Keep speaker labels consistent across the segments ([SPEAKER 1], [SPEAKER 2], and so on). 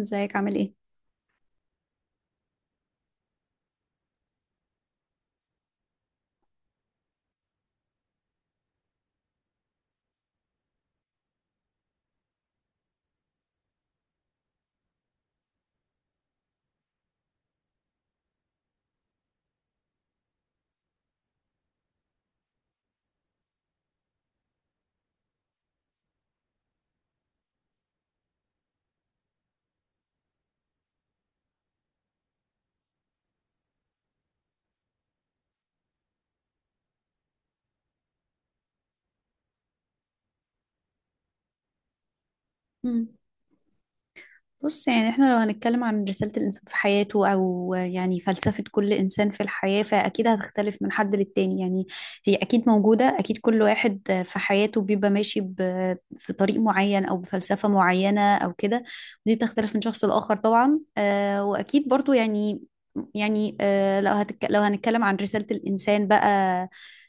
[SPEAKER 1] ازيك عامل ايه؟ مم. بص يعني احنا لو هنتكلم عن رسالة الإنسان في حياته أو يعني فلسفة كل إنسان في الحياة فأكيد هتختلف من حد للتاني. يعني هي أكيد موجودة، أكيد كل واحد في حياته بيبقى ماشي في طريق معين أو بفلسفة معينة أو كده، ودي بتختلف من شخص لآخر طبعا. وأكيد برضو لو هنتكلم عن رسالة الإنسان بقى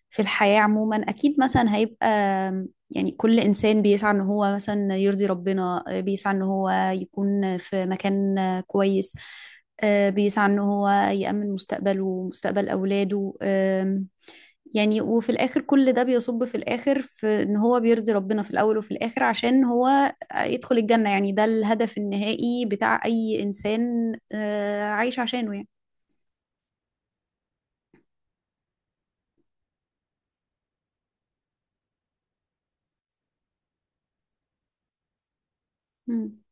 [SPEAKER 1] في الحياة عموما، أكيد مثلا هيبقى يعني كل إنسان بيسعى إن هو مثلا يرضي ربنا، بيسعى إن هو يكون في مكان كويس، بيسعى إن هو يأمن مستقبله ومستقبل أولاده. يعني وفي الآخر كل ده بيصب في الآخر في إن هو بيرضي ربنا في الأول وفي الآخر عشان هو يدخل الجنة. يعني ده الهدف النهائي بتاع أي إنسان عايش عشانه يعني. مم.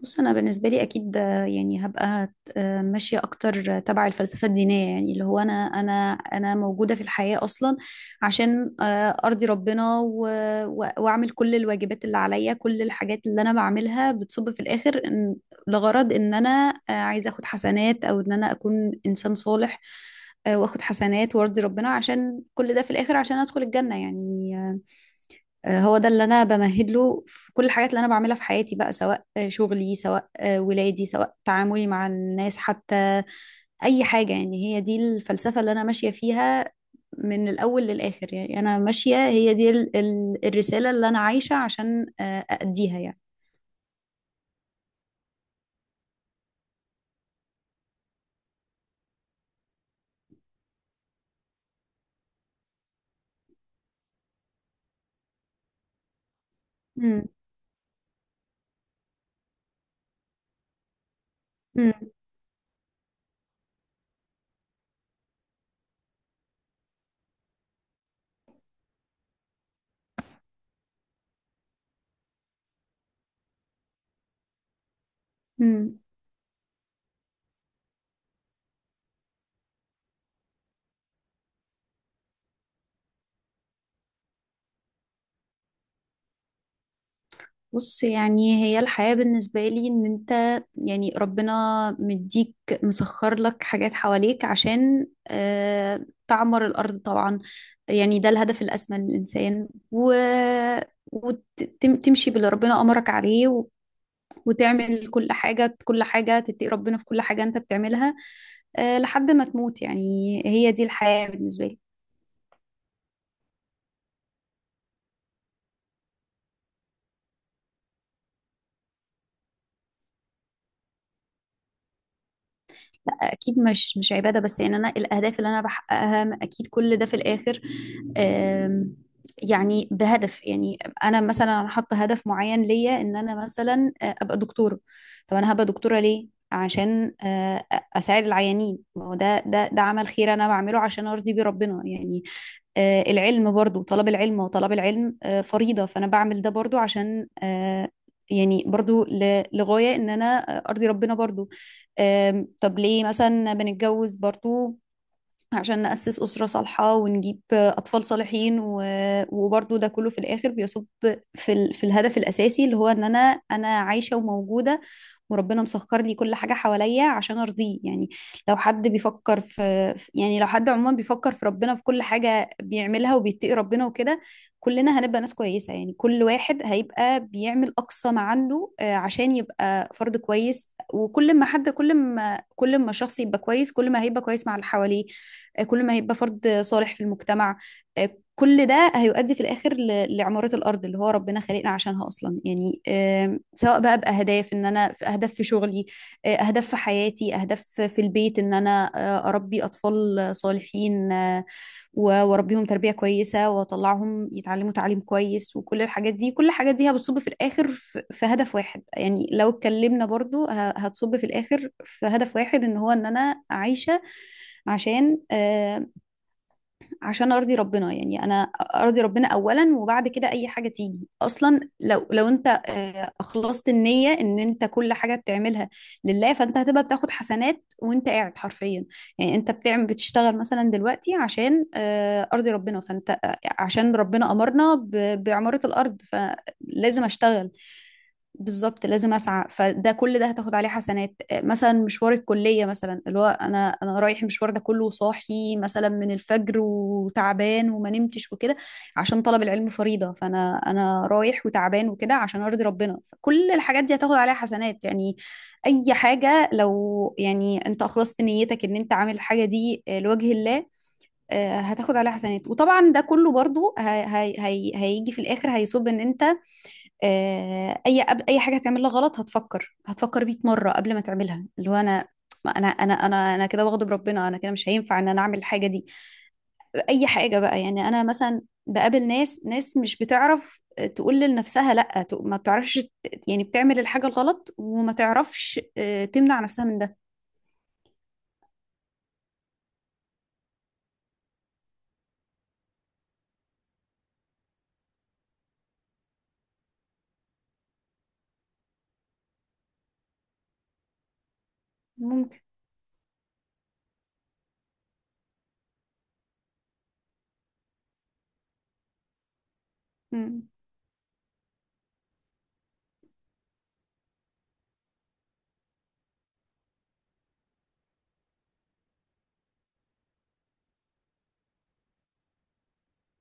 [SPEAKER 1] بص انا بالنسبه لي اكيد، يعني هبقى ماشيه اكتر تبع الفلسفه الدينيه. يعني اللي هو انا موجوده في الحياه اصلا عشان ارضي ربنا واعمل كل الواجبات اللي عليا. كل الحاجات اللي انا بعملها بتصب في الاخر إن لغرض ان انا عايزه اخد حسنات او ان انا اكون انسان صالح، واخد حسنات وارضي ربنا عشان كل ده في الاخر عشان ادخل الجنه يعني. هو ده اللي انا بمهد له في كل الحاجات اللي انا بعملها في حياتي بقى، سواء شغلي، سواء ولادي، سواء تعاملي مع الناس، حتى اي حاجة. يعني هي دي الفلسفة اللي انا ماشية فيها من الاول للاخر. يعني انا ماشية، هي دي الرسالة اللي انا عايشة عشان اأديها يعني. مم. مم. بص يعني هي الحياة بالنسبة لي ان انت يعني ربنا مديك، مسخر لك حاجات حواليك عشان تعمر الأرض طبعا. يعني ده الهدف الأسمى للإنسان، وتمشي باللي ربنا أمرك عليه، وتعمل كل حاجة، كل حاجة تتقي ربنا في كل حاجة انت بتعملها، لحد ما تموت. يعني هي دي الحياة بالنسبة لي. اكيد مش عباده بس، يعني انا الاهداف اللي انا بحققها اكيد كل ده في الاخر. آم، يعني بهدف. يعني انا مثلا انا حاطه هدف معين ليا ان انا مثلا ابقى دكتوره. طب انا هبقى دكتوره ليه؟ عشان اساعد العيانين. ما هو ده عمل خير انا بعمله عشان ارضي بيه ربنا يعني. العلم برضو، طلب العلم، وطلب العلم فريضة، فأنا بعمل ده برضو عشان يعني برضو لغاية إن أنا أرضي ربنا برضو. طب ليه مثلا بنتجوز برضو؟ عشان نأسس أسرة صالحة ونجيب أطفال صالحين، وبرضو ده كله في الآخر بيصب في في الهدف الأساسي اللي هو إن أنا، أنا عايشة وموجودة وربنا مسخر لي كل حاجة حواليا عشان أرضيه يعني. لو حد بيفكر في، يعني لو حد عموما بيفكر في ربنا في كل حاجة بيعملها وبيتقي ربنا وكده، كلنا هنبقى ناس كويسة. يعني كل واحد هيبقى بيعمل أقصى ما عنده عشان يبقى فرد كويس. وكل ما حد، كل ما الشخص يبقى كويس، كل ما هيبقى كويس مع اللي حواليه، كل ما هيبقى فرد صالح في المجتمع. كل ده هيؤدي في الآخر لعمارة الأرض اللي هو ربنا خلقنا عشانها أصلا. يعني سواء بقى بأهداف إن أنا في أهداف في شغلي، أهداف في حياتي، أهداف في البيت، إن أنا أربي أطفال صالحين، وأربيهم تربية كويسة وأطلعهم يتعلموا تعليم كويس، وكل الحاجات دي، هتصب في الآخر في هدف واحد. يعني لو اتكلمنا برضو هتصب في الآخر في هدف واحد إن هو إن أنا عايشة عشان عشان ارضي ربنا. يعني انا ارضي ربنا اولا، وبعد كده اي حاجه تيجي اصلا. لو انت اخلصت النيه ان انت كل حاجه بتعملها لله، فانت هتبقى بتاخد حسنات وانت قاعد حرفيا. يعني انت بتعمل، بتشتغل مثلا دلوقتي عشان ارضي ربنا. فانت عشان ربنا امرنا باعماره الارض فلازم اشتغل. بالظبط، لازم اسعى. فده كل ده هتاخد عليه حسنات، مثلا مشوار الكليه مثلا اللي هو انا، رايح المشوار ده كله صاحي مثلا من الفجر وتعبان وما نمتش وكده عشان طلب العلم فريضه. فانا رايح وتعبان وكده عشان ارضي ربنا، فكل الحاجات دي هتاخد عليها حسنات يعني. اي حاجه لو يعني انت اخلصت نيتك ان انت عامل الحاجه دي لوجه الله، هتاخد عليها حسنات. وطبعا ده كله برضو هيجي في الاخر هيصب ان انت اي اي حاجه هتعملها غلط هتفكر، 100 مره قبل ما تعملها. اللي هو انا ما انا كده بغضب ربنا، انا كده مش هينفع ان انا اعمل الحاجه دي. اي حاجه بقى، يعني انا مثلا بقابل ناس، مش بتعرف تقول لنفسها لا، ما بتعرفش، يعني بتعمل الحاجه الغلط وما تعرفش تمنع نفسها من ده. ممكن. مم.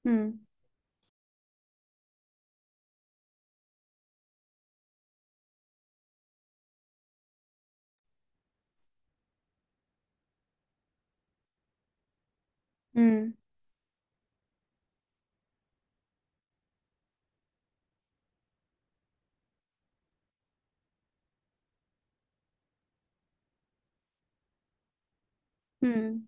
[SPEAKER 1] مم. مم. مم.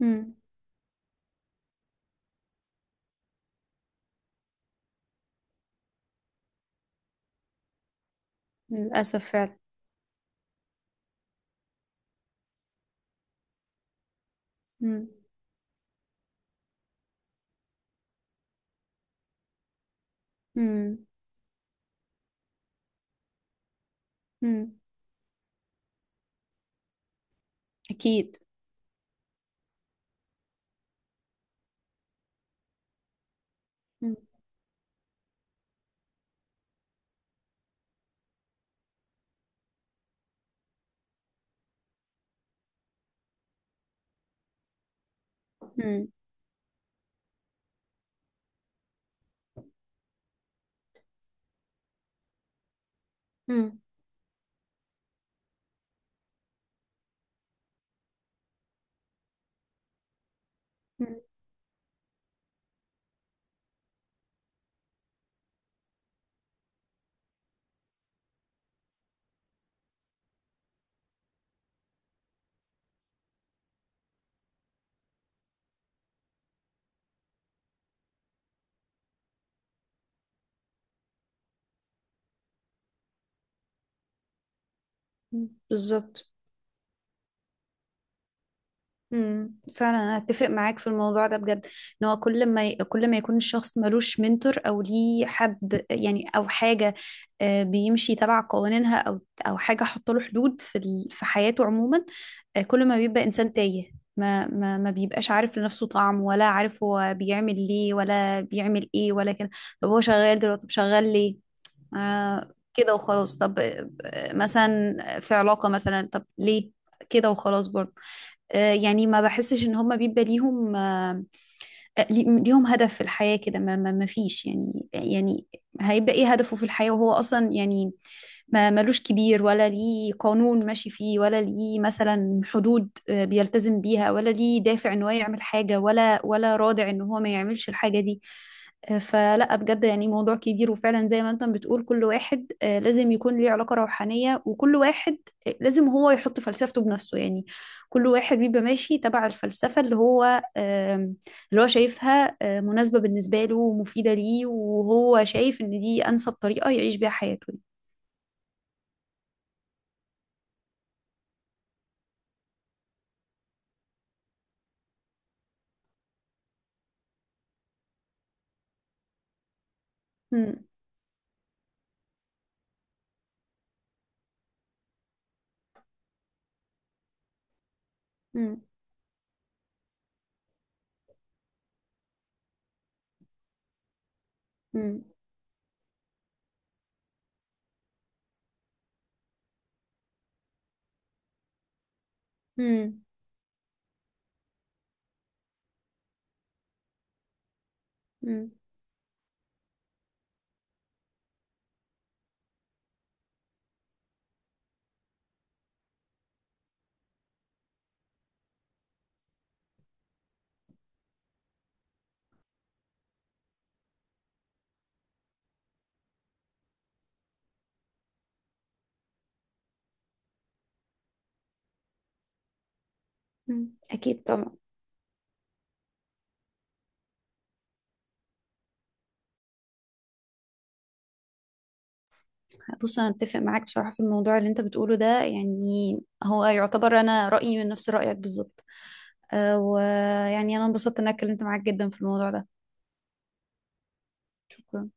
[SPEAKER 1] مم. للاسف فعلا. مم. مم. مم. اكيد. مم. مم. مم. بالظبط. فعلا انا اتفق معاك في الموضوع ده بجد. ان هو كل ما كل ما يكون الشخص ملوش منتور او ليه حد يعني، او حاجه بيمشي تبع قوانينها، او حاجه حط له حدود في في حياته عموما، كل ما بيبقى انسان تايه. ما بيبقاش عارف لنفسه طعم، ولا عارف هو بيعمل ليه، ولا بيعمل ايه، ولا كده. طب هو شغال دلوقتي، طب شغال ليه؟ آه كده وخلاص. طب مثلا في علاقه مثلا، طب ليه كده وخلاص برضه؟ يعني ما بحسش ان هم بيبقى ليهم ليهم هدف في الحياة كده. ما فيش يعني يعني. هيبقى ايه هدفه في الحياة وهو اصلا يعني ما ملوش كبير، ولا ليه قانون ماشي فيه، ولا ليه مثلا حدود بيلتزم بيها، ولا ليه دافع ان هو يعمل حاجة، ولا رادع ان هو ما يعملش الحاجة دي. فلا، بجد يعني موضوع كبير. وفعلا زي ما انت بتقول كل واحد لازم يكون ليه علاقة روحانية، وكل واحد لازم هو يحط فلسفته بنفسه. يعني كل واحد بيبقى ماشي تبع الفلسفة اللي هو آم، اللي هو شايفها مناسبة بالنسبة له ومفيدة ليه، وهو شايف ان دي انسب طريقة يعيش بيها حياته. مم، مم، مم، مم، مم، مم. أكيد طبعا. بص انا اتفق معاك بصراحه في الموضوع اللي انت بتقوله ده. يعني هو يعتبر انا رايي من نفس رايك بالظبط. أه، ويعني انا انبسطت ان انا اتكلمت معاك جدا في الموضوع ده. شكرا.